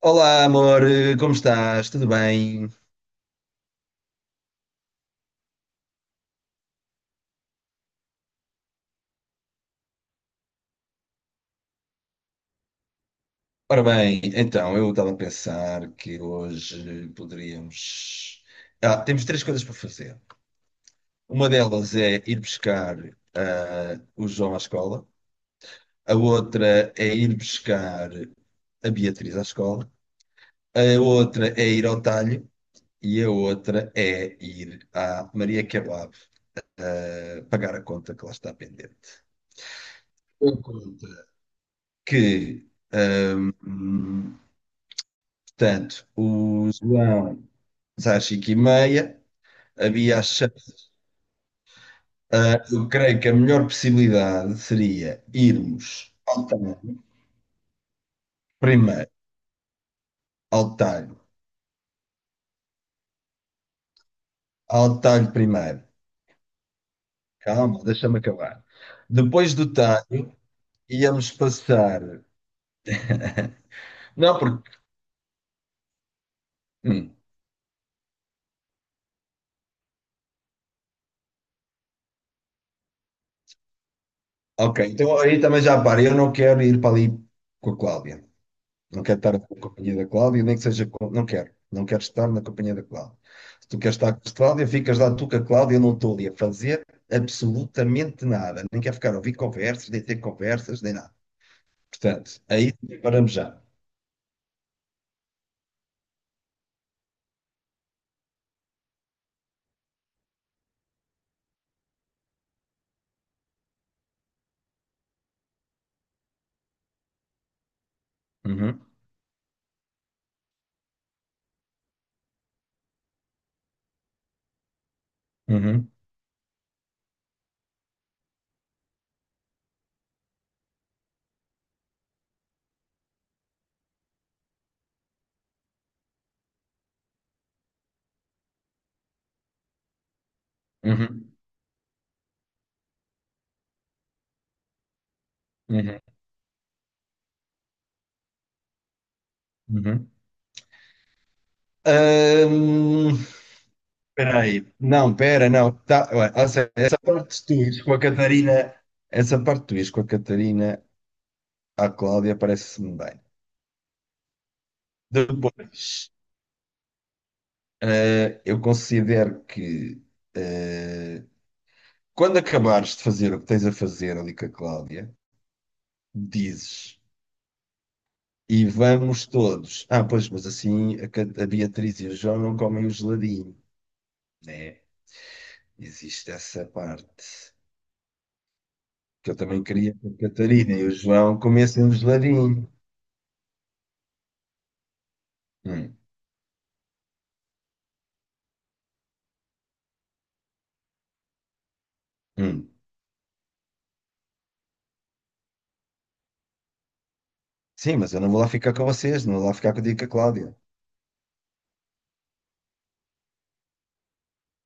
Olá, amor, como estás? Tudo bem? Ora bem, então, eu estava a pensar que hoje poderíamos. Ah, temos três coisas para fazer. Uma delas é ir buscar o João à escola, a outra é ir buscar a Beatriz à escola, a outra é ir ao talho e a outra é ir à Maria Kebab pagar a conta que lá está pendente. A conta que. Ahm, Portanto, o João diz às 5h30, havia a chance. Ah, eu creio que a melhor possibilidade seria irmos ao Talho primeiro, ao Talho, ao Talho primeiro. Calma, deixa-me acabar. Depois do Talho, íamos passar. Não, porque. hum, ok, então aí também já para. Eu não quero ir para ali com a Cláudia. Não quero estar na companhia da Cláudia, nem que seja. Não quero. Não quero estar na companhia da Cláudia. Se tu queres estar com a Cláudia, ficas lá tu com a Cláudia. Eu não estou ali a fazer absolutamente nada. Nem quero ficar a ouvir conversas, nem ter conversas, nem nada. Portanto, aí paramos já. Uhum, uhum, uhum, uhum, uhum. Ahm, Espera aí. Não, espera não. Tá, ué, ou seja, essa parte de tu ires com a Catarina, essa parte de tu ires com a Catarina à Cláudia parece-me bem. Depois. Eu considero que eh, quando acabares de fazer o que tens a fazer ali com a Cláudia, dizes e vamos todos. Ah, pois, mas assim a, a Beatriz e o João não comem o geladinho, né? Existe essa parte que eu também queria que a Catarina e o João comessem um geladinho. Hum, hum. Sim, mas eu não vou lá ficar com vocês, não vou lá ficar contigo e com a Cláudia.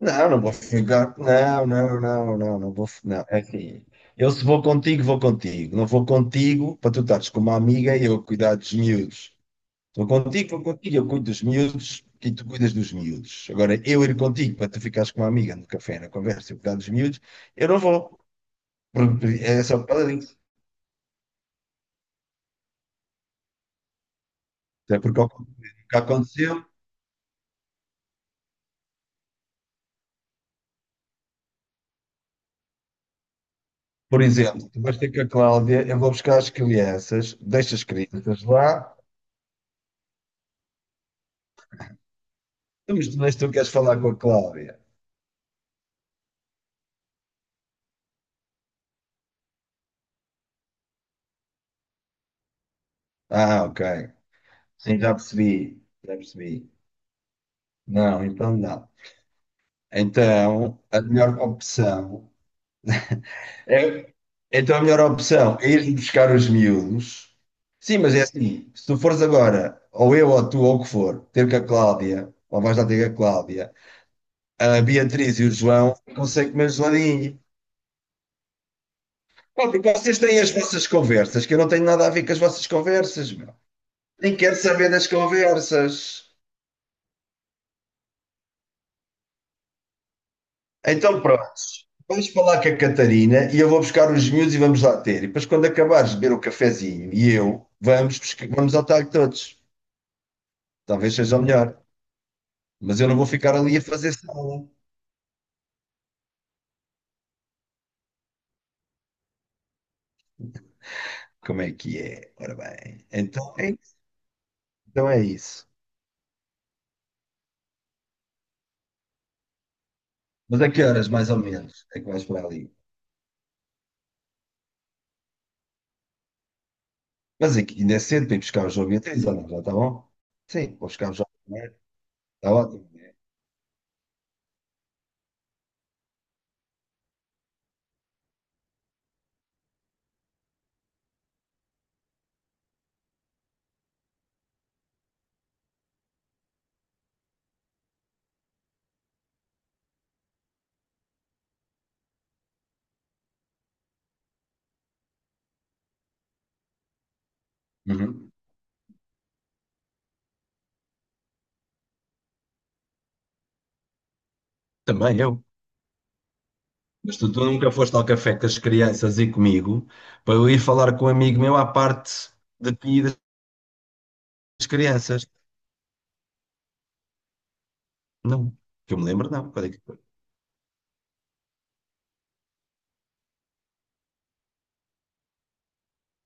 Não, não vou ficar. Não, não, não, não, não vou. Não, é assim. Eu se vou contigo, vou contigo. Não vou contigo para tu estares com uma amiga e eu cuidar dos miúdos. Vou contigo, eu cuido dos miúdos e tu cuidas dos miúdos. Agora, eu ir contigo para tu ficares com uma amiga no café, na conversa, eu cuidar dos miúdos, eu não vou. É só por causa disso. Até porque ao contrário do que aconteceu, por exemplo, tu vais ter com a Cláudia, eu vou buscar as crianças, deixo as crianças lá, mas tu queres falar com a Cláudia. Ah, ok. Sim, já percebi, já percebi. Não, então não. Então, a melhor opção é, então a melhor opção é ir buscar os miúdos. Sim, mas é assim, se tu fores agora, ou eu, ou tu, ou o que for, ter com a Cláudia, ou vais lá ter com a Cláudia, a Beatriz e o João, consegue comer geladinho. Pá, porque vocês têm as vossas conversas, que eu não tenho nada a ver com as vossas conversas, meu. Nem quero saber das conversas. Então pronto, vais falar com a Catarina e eu vou buscar os miúdos e vamos lá ter. E depois, quando acabares de beber o cafezinho e eu, vamos, vamos ao talho todos. Talvez seja o melhor. Mas eu não vou ficar ali a fazer sala. Como é que é? Ora bem, então é isso. Então é isso. Mas a que horas, mais ou menos, é que vais para ali? Mas aqui ainda é cedo para ir buscar o João Beatriz, ou não? Já está bom? Sim, vou buscar o João Beatriz. Está ótimo, né? Uhum. Também eu. Mas tu nunca foste ao café com as crianças e comigo para eu ir falar com um amigo meu à parte de ti e das crianças. Não, que eu me lembro, não. Foi?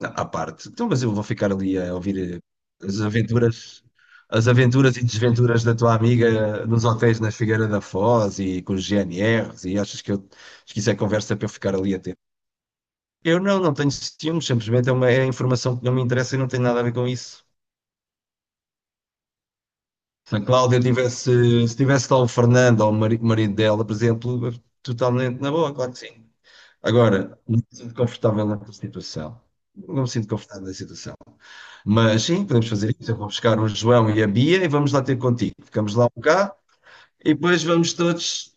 Não, à parte. Então, mas eu vou ficar ali a ouvir as aventuras, as aventuras e desventuras da tua amiga nos hotéis na Figueira da Foz e com os GNRs e achas que, eu, acho que isso é conversa para eu ficar ali a ter? Eu não, não tenho ciúmes, simplesmente é uma é informação que não me interessa e não tem nada a ver com isso. Se a Cláudia tivesse, se tivesse lá o Fernando ou o marido dela, por exemplo, totalmente na boa, claro que sim. Agora, não me sinto confortável nessa situação. Não me sinto confortável nessa situação. Mas sim, podemos fazer isso. Eu vou buscar o João e a Bia e vamos lá ter contigo. Ficamos lá um cá e depois vamos todos.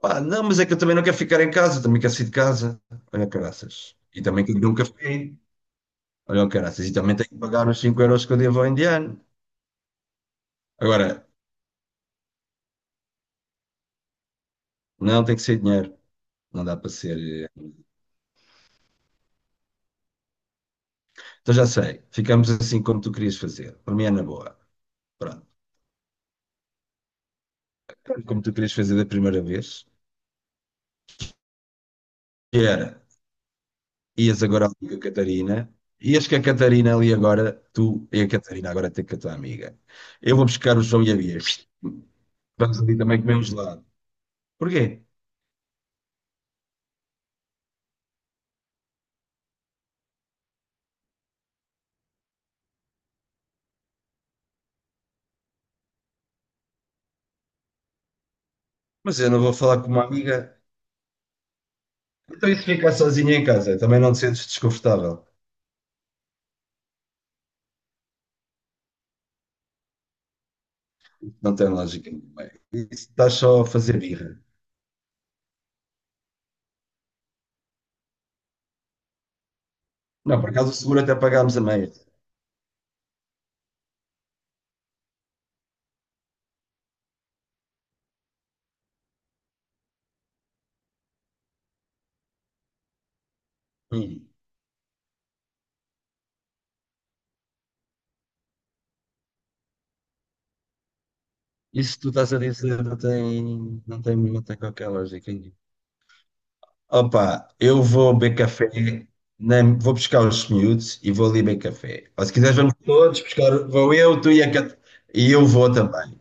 Pá, não, mas é que eu também não quero ficar em casa, também quero sair de casa. Olha, caraças. E também quero beber um café. Olha, caraças. E também tenho que pagar os 5 euros que eu devo ao indiano. Agora, não tem que ser dinheiro. Não dá para ser. Então já sei, ficamos assim como tu querias fazer. Para mim é na boa. Pronto. É como tu querias fazer da primeira vez, que era, ias agora ali com a Catarina, ias com a Catarina ali agora, tu e a Catarina agora tem com a tua amiga. Eu vou buscar o João e a Bia. Vamos ali também comer um gelado. Porquê? Mas eu não vou falar com uma amiga. Então isso ficar sozinha em casa, também não te sentes desconfortável. Não tem lógica nenhuma. Isso estás só a fazer birra. Não, por acaso o seguro até pagámos a meia. Hum. Isso que tu estás a dizer não tem, não tem, não tem qualquer lógica nenhuma. Opa, eu vou beber café, nem, vou buscar os miúdos e vou ali beber café. Ou se quiseres, vamos todos buscar, vou eu, tu e a Cat... E eu vou também.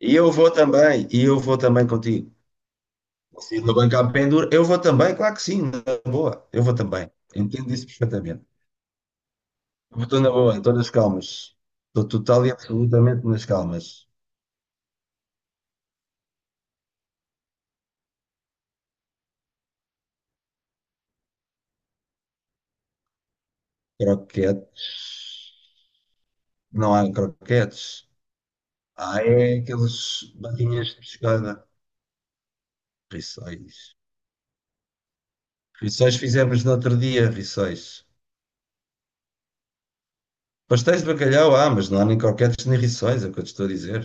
E eu vou também. E eu vou também contigo. Se no banco há pendura, eu vou também, claro que sim, na boa. Eu vou também. Entendo isso perfeitamente. Eu estou na boa, estou nas calmas. Estou total e absolutamente nas calmas. Croquete, não há croquetes. Ah, é aqueles barrinhas de pescada. Rissóis. Rissóis fizemos no outro dia, rissóis. Pastéis de bacalhau, ah, mas não há nem croquetes nem rissóis, é o que eu te estou a dizer.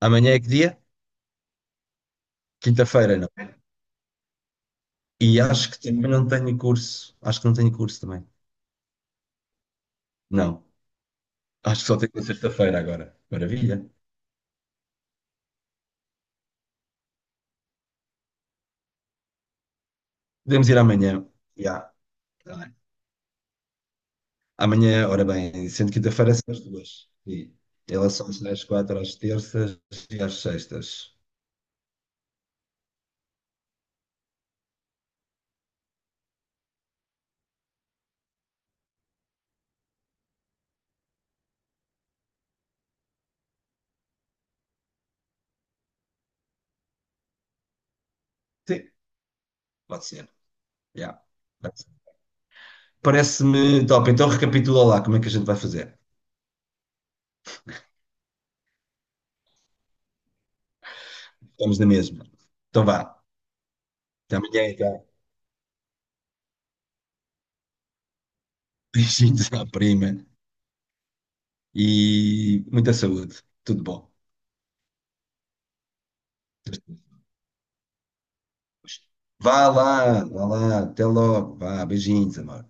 Amanhã é que dia? Quinta-feira, não. E acho que também não tenho curso. Acho que não tenho curso também. Não. Acho que só tenho na sexta-feira agora. Maravilha. Podemos ir amanhã. Já. Tá bem. Amanhã, ora bem, sendo quinta-feira são as duas. E elas são às 10, 4 às terças e às sextas. Sim, pode ser. Já. Parece-me top. Então recapitula lá como é que a gente vai fazer. Estamos na mesma. Então vá. Até amanhã, então. Beijinhos à prima e muita saúde. Tudo bom. Vá lá, vá lá. Até logo. Vá, beijinhos, amor.